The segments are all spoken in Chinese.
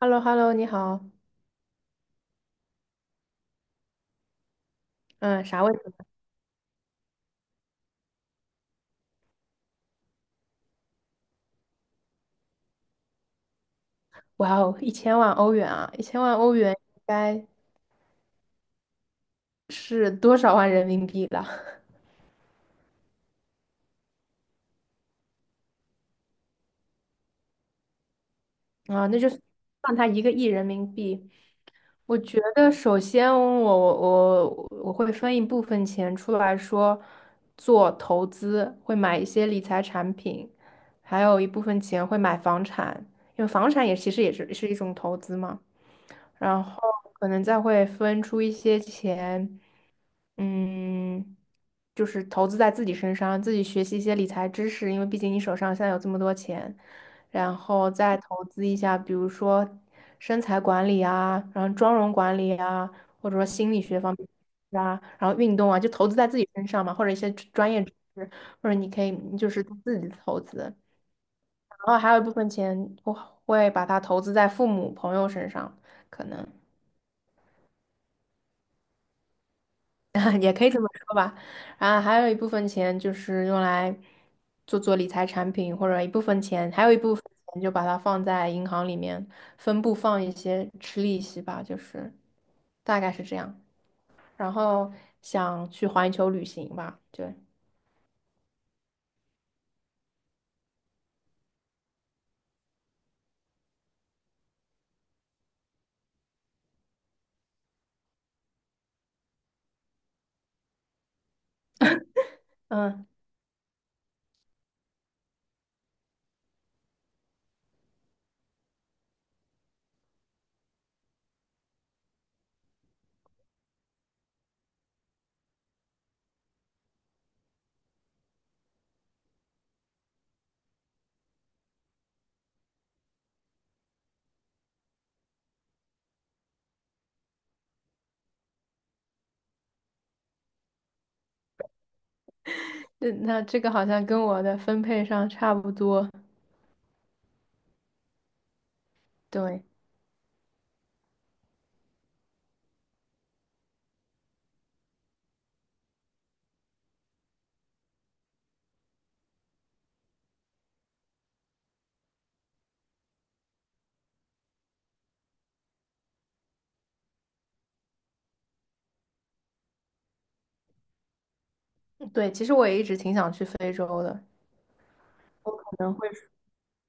h e l l o 你好。嗯，啥问题？哇哦，一千万欧元啊！一千万欧元应该是多少万人民币了？啊，那就算他1个亿人民币。我觉得，首先我会分一部分钱出来说做投资，会买一些理财产品，还有一部分钱会买房产，因为房产也其实也是一种投资嘛。然后可能再会分出一些钱。嗯，就是投资在自己身上，自己学习一些理财知识，因为毕竟你手上现在有这么多钱，然后再投资一下，比如说身材管理啊，然后妆容管理啊，或者说心理学方面啊，然后运动啊，就投资在自己身上嘛，或者一些专业知识，或者你可以就是自己投资，然后还有一部分钱我会把它投资在父母朋友身上，可能。也可以这么说吧。然后还有一部分钱就是用来做理财产品，或者一部分钱，还有一部分钱就把它放在银行里面，分部放一些吃利息吧，就是大概是这样。然后想去环球旅行吧，对。嗯，那这个好像跟我的分配上差不多。对对，其实我也一直挺想去非洲的，我可能会。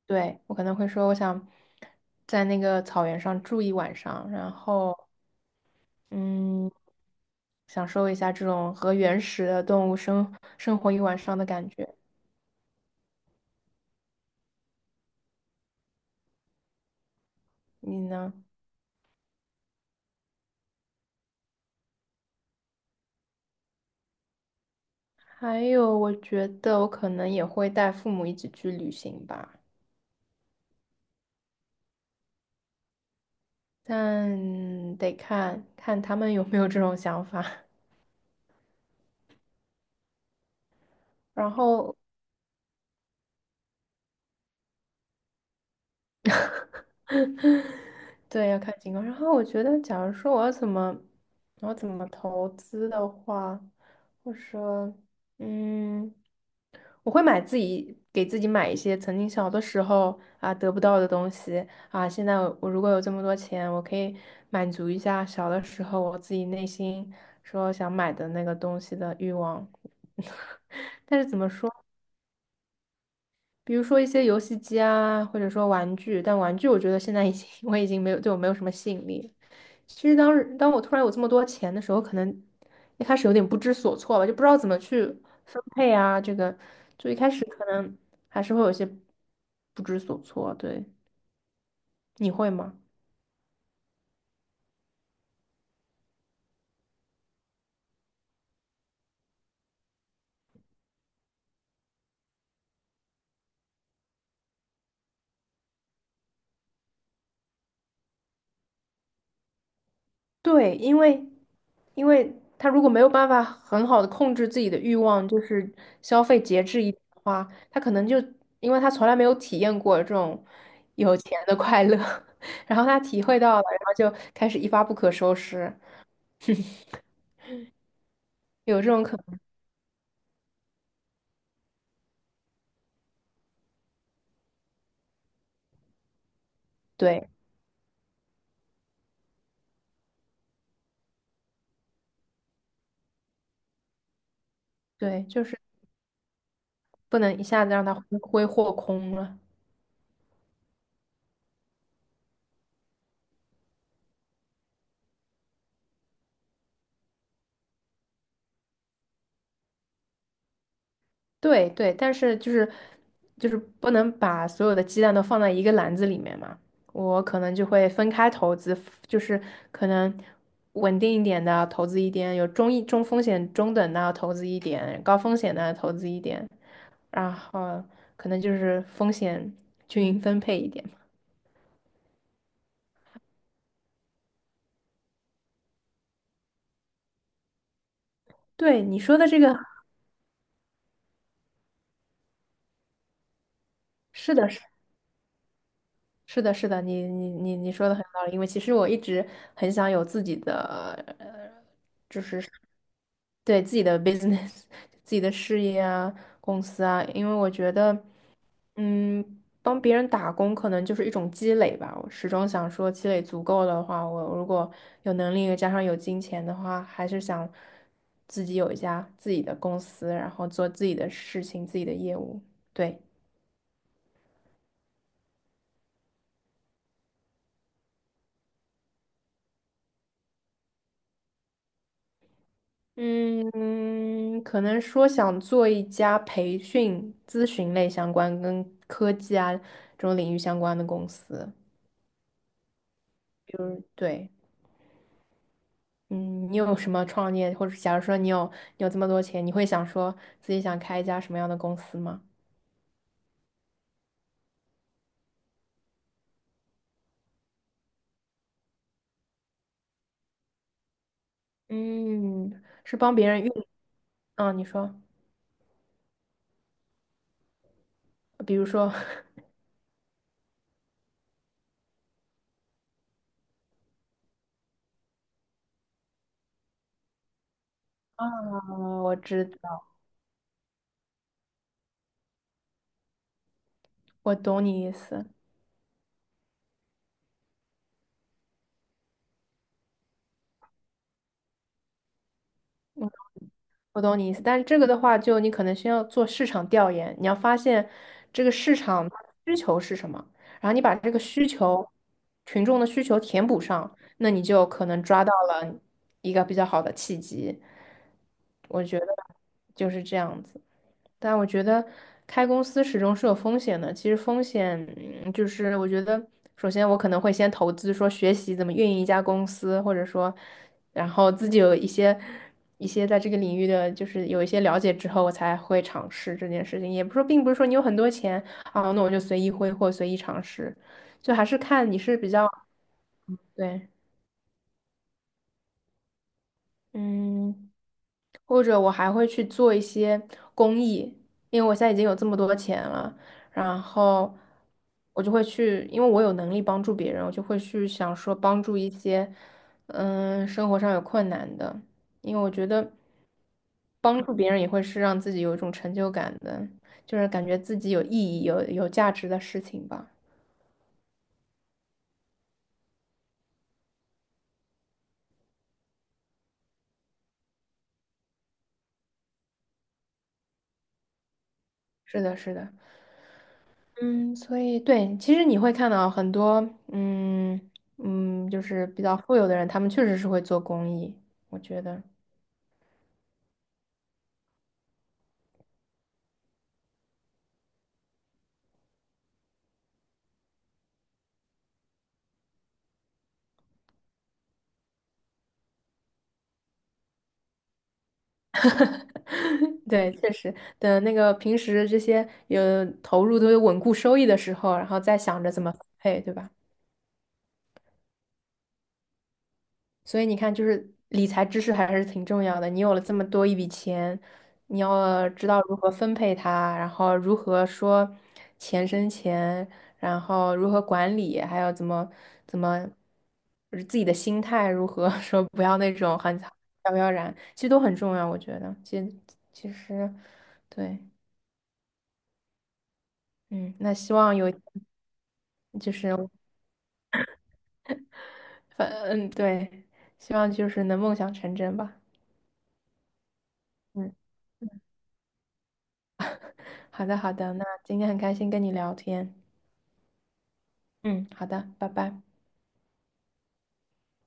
对，我可能会说，我想在那个草原上住一晚上，然后嗯，享受一下这种和原始的动物生活一晚上的感觉。你呢？还有，我觉得我可能也会带父母一起去旅行吧，但得看看他们有没有这种想法。然后 对，要看情况。然后我觉得，假如说我要怎么，我要怎么投资的话，我说，嗯，我会买自己给自己买一些曾经小的时候啊得不到的东西啊。现在我如果有这么多钱，我可以满足一下小的时候我自己内心说想买的那个东西的欲望。但是怎么说？比如说一些游戏机啊，或者说玩具，但玩具我觉得现在已经 我已经没有对我没有什么吸引力了。其实当时当我突然有这么多钱的时候，可能一开始有点不知所措吧，就不知道怎么去分配啊，这个就一开始可能还是会有些不知所措。对，你会吗？对，因为他如果没有办法很好的控制自己的欲望，就是消费节制一点的话，他可能就因为他从来没有体验过这种有钱的快乐，然后他体会到了，然后就开始一发不可收拾，有这种可能。对对，就是不能一下子让他挥霍空了。对对，但是就是不能把所有的鸡蛋都放在一个篮子里面嘛。我可能就会分开投资，就是可能稳定一点的投资一点，有中一中风险中等的投资一点，高风险的投资一点，然后可能就是风险均匀分配一点嘛。对你说的这个，是的，是的，是的，你说的很有道理，因为其实我一直很想有自己的，呃，就是对自己的 business 自己的事业啊、公司啊，因为我觉得，帮别人打工可能就是一种积累吧。我始终想说，积累足够的话，我如果有能力加上有金钱的话，还是想自己有一家自己的公司，然后做自己的事情、自己的业务。对。嗯，可能说想做一家培训咨询类相关、跟科技啊这种领域相关的公司。对，嗯，你有什么创业，或者假如说你有你有这么多钱，你会想说自己想开一家什么样的公司吗？嗯，是帮别人运，啊？你说，比如说，啊，我知道，我懂你意思。我懂你意思，但是这个的话，就你可能先要做市场调研，你要发现这个市场它的需求是什么，然后你把这个需求，群众的需求填补上，那你就可能抓到了一个比较好的契机。我觉得就是这样子。但我觉得开公司始终是有风险的。其实风险就是我觉得，首先我可能会先投资，说学习怎么运营一家公司，或者说，然后自己有一些在这个领域的，就是有一些了解之后，我才会尝试这件事情。也不是说，并不是说你有很多钱啊，那我就随意挥霍、随意尝试，就还是看你是比较对。嗯，或者我还会去做一些公益，因为我现在已经有这么多钱了，然后我就会去，因为我有能力帮助别人，我就会去想说帮助一些，生活上有困难的，因为我觉得帮助别人也会是让自己有一种成就感的，就是感觉自己有意义、有价值的事情吧。是的，是的。嗯，所以对，其实你会看到很多，嗯就是比较富有的人，他们确实是会做公益，我觉得，对，确实等那个平时这些有投入都有稳固收益的时候，然后再想着怎么分配，对吧？所以你看，就是理财知识还是挺重要的。你有了这么多一笔钱，你要知道如何分配它，然后如何说钱生钱，然后如何管理，还有怎么就是自己的心态如何 说不要那种很飘飘然，其实都很重要。我觉得，其实对。嗯，那希望有就是反嗯对，希望就是能梦想成真吧。嗯。好的，好的，那今天很开心跟你聊天。嗯，好的，拜拜。